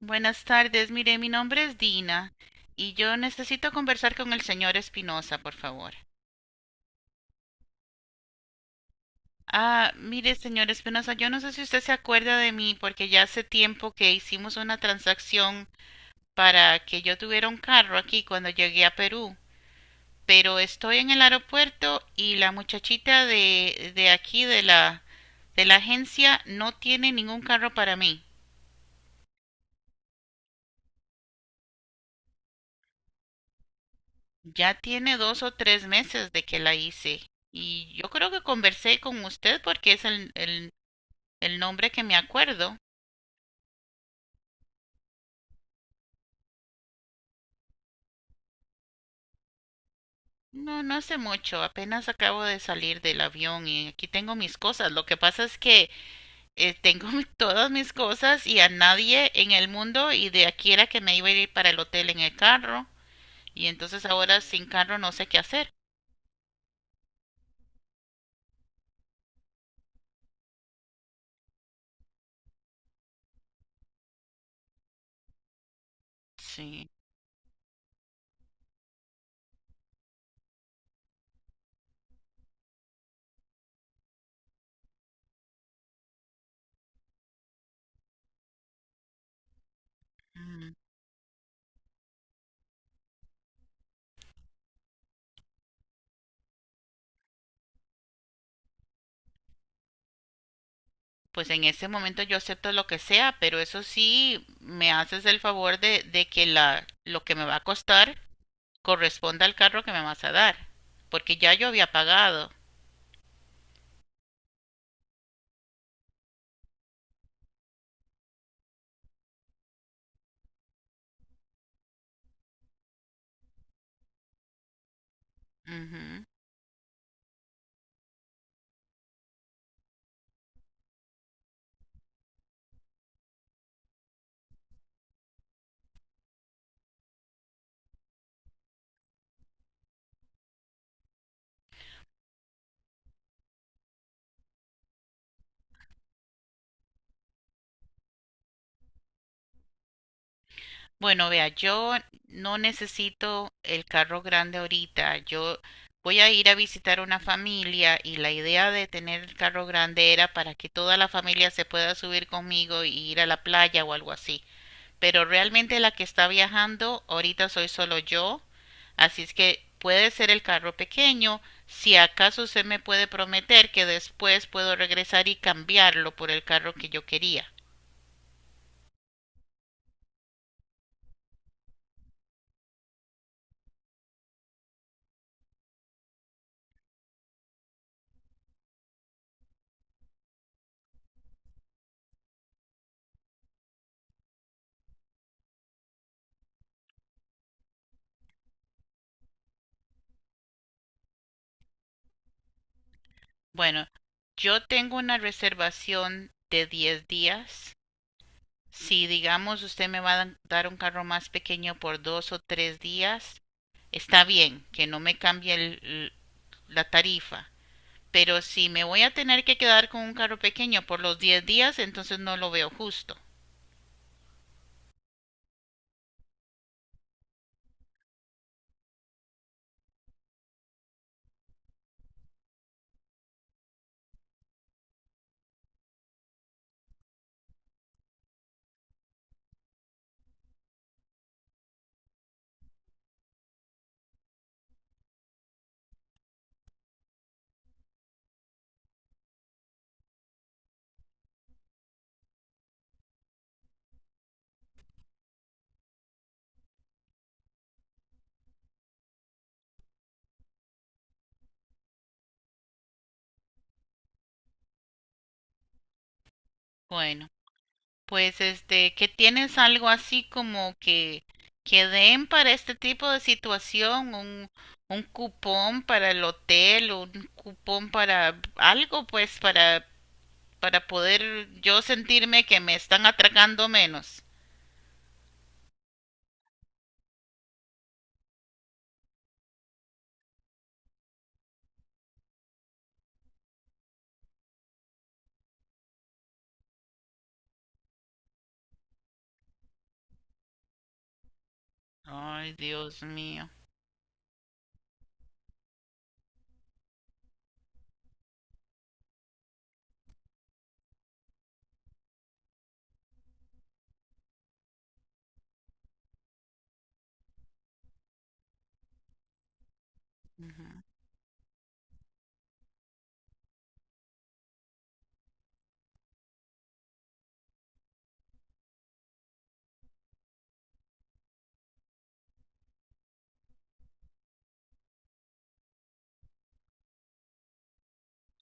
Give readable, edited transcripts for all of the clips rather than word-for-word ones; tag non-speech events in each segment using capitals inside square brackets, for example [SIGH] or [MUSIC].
Buenas tardes, mire, mi nombre es Dina y yo necesito conversar con el señor Espinosa, por favor. Ah, mire, señor Espinosa, yo no sé si usted se acuerda de mí porque ya hace tiempo que hicimos una transacción para que yo tuviera un carro aquí cuando llegué a Perú, pero estoy en el aeropuerto y la muchachita de aquí de la agencia no tiene ningún carro para mí. Ya tiene 2 o 3 meses de que la hice y yo creo que conversé con usted porque es el nombre que me acuerdo. No, no hace mucho, apenas acabo de salir del avión y aquí tengo mis cosas. Lo que pasa es que tengo [LAUGHS] todas mis cosas y a nadie en el mundo y de aquí era que me iba a ir para el hotel en el carro y entonces ahora sin carro no sé qué hacer. Sí. Pues en ese momento yo acepto lo que sea, pero eso sí, me haces el favor de que lo que me va a costar corresponda al carro que me vas a dar, porque ya yo había pagado. Ujú. Bueno, vea, yo no necesito el carro grande ahorita, yo voy a ir a visitar una familia y la idea de tener el carro grande era para que toda la familia se pueda subir conmigo y ir a la playa o algo así, pero realmente la que está viajando ahorita soy solo yo, así es que puede ser el carro pequeño, si acaso usted me puede prometer que después puedo regresar y cambiarlo por el carro que yo quería. Bueno, yo tengo una reservación de 10 días. Si digamos usted me va a dar un carro más pequeño por 2 o 3 días, está bien, que no me cambie la tarifa, pero si me voy a tener que quedar con un carro pequeño por los 10 días, entonces no lo veo justo. Bueno, pues este, ¿qué tienes algo así como que den para este tipo de situación, un cupón para el hotel, un cupón para algo, pues para poder yo sentirme que me están atracando menos? Ay, Dios mío. Ujú.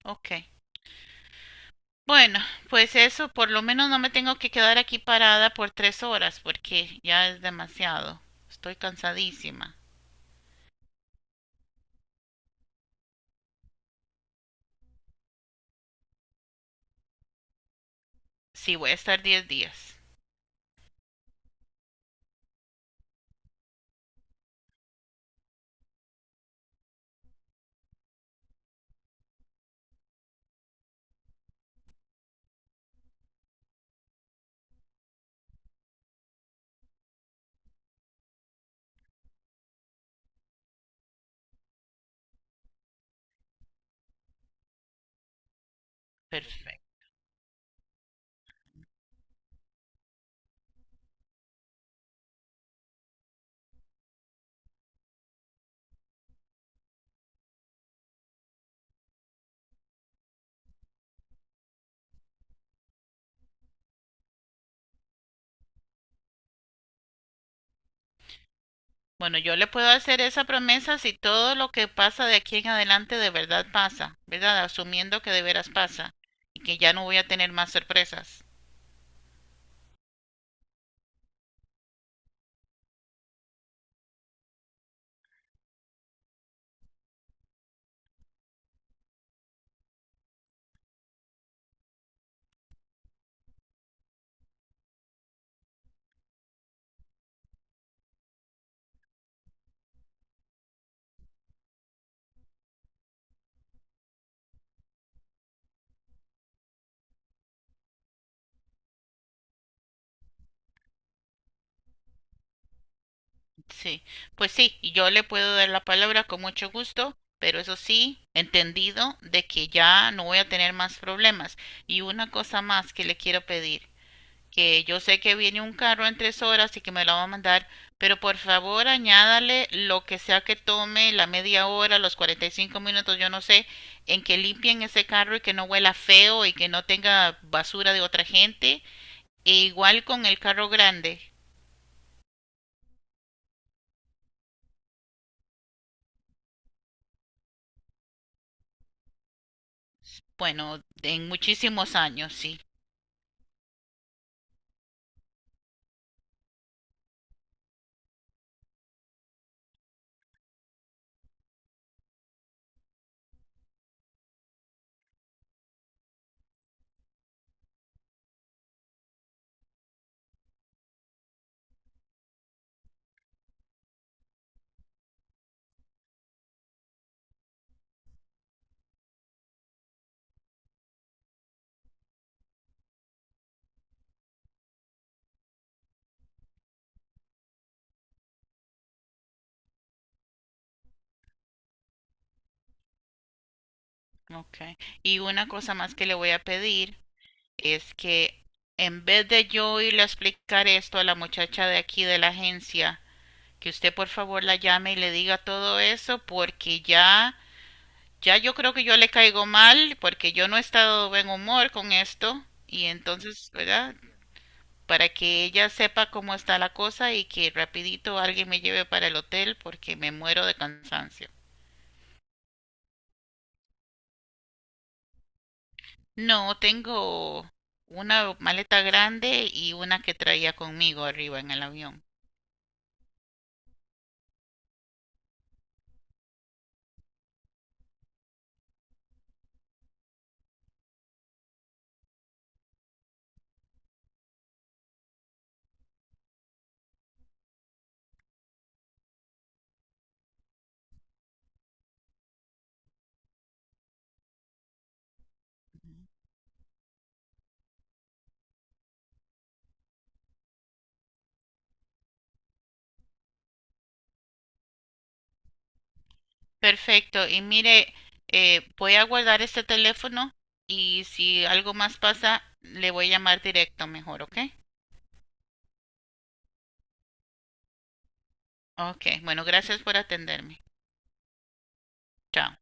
Ok. Bueno, pues eso, por lo menos no me tengo que quedar aquí parada por 3 horas porque ya es demasiado. Estoy cansadísima. Sí, voy a estar 10 días. Perfecto. Bueno, yo le puedo hacer esa promesa si todo lo que pasa de aquí en adelante de verdad pasa, ¿verdad? Asumiendo que de veras pasa y que ya no voy a tener más sorpresas. Sí, pues sí, y yo le puedo dar la palabra con mucho gusto, pero eso sí, entendido de que ya no voy a tener más problemas. Y una cosa más que le quiero pedir, que yo sé que viene un carro en 3 horas y que me lo va a mandar, pero por favor añádale lo que sea que tome, la media hora, los 45 minutos, yo no sé, en que limpien ese carro y que no huela feo y que no tenga basura de otra gente. E igual con el carro grande, bueno, en muchísimos años, sí. Okay. Y una cosa más que le voy a pedir es que en vez de yo irle a explicar esto a la muchacha de aquí de la agencia, que usted por favor la llame y le diga todo eso porque ya yo creo que yo le caigo mal porque yo no he estado de buen humor con esto y entonces, ¿verdad? Para que ella sepa cómo está la cosa y que rapidito alguien me lleve para el hotel porque me muero de cansancio. No, tengo una maleta grande y una que traía conmigo arriba en el avión. Perfecto. Y mire, voy a guardar este teléfono y si algo más pasa, le voy a llamar directo mejor, ¿ok? Ok, bueno, gracias por atenderme. Chao.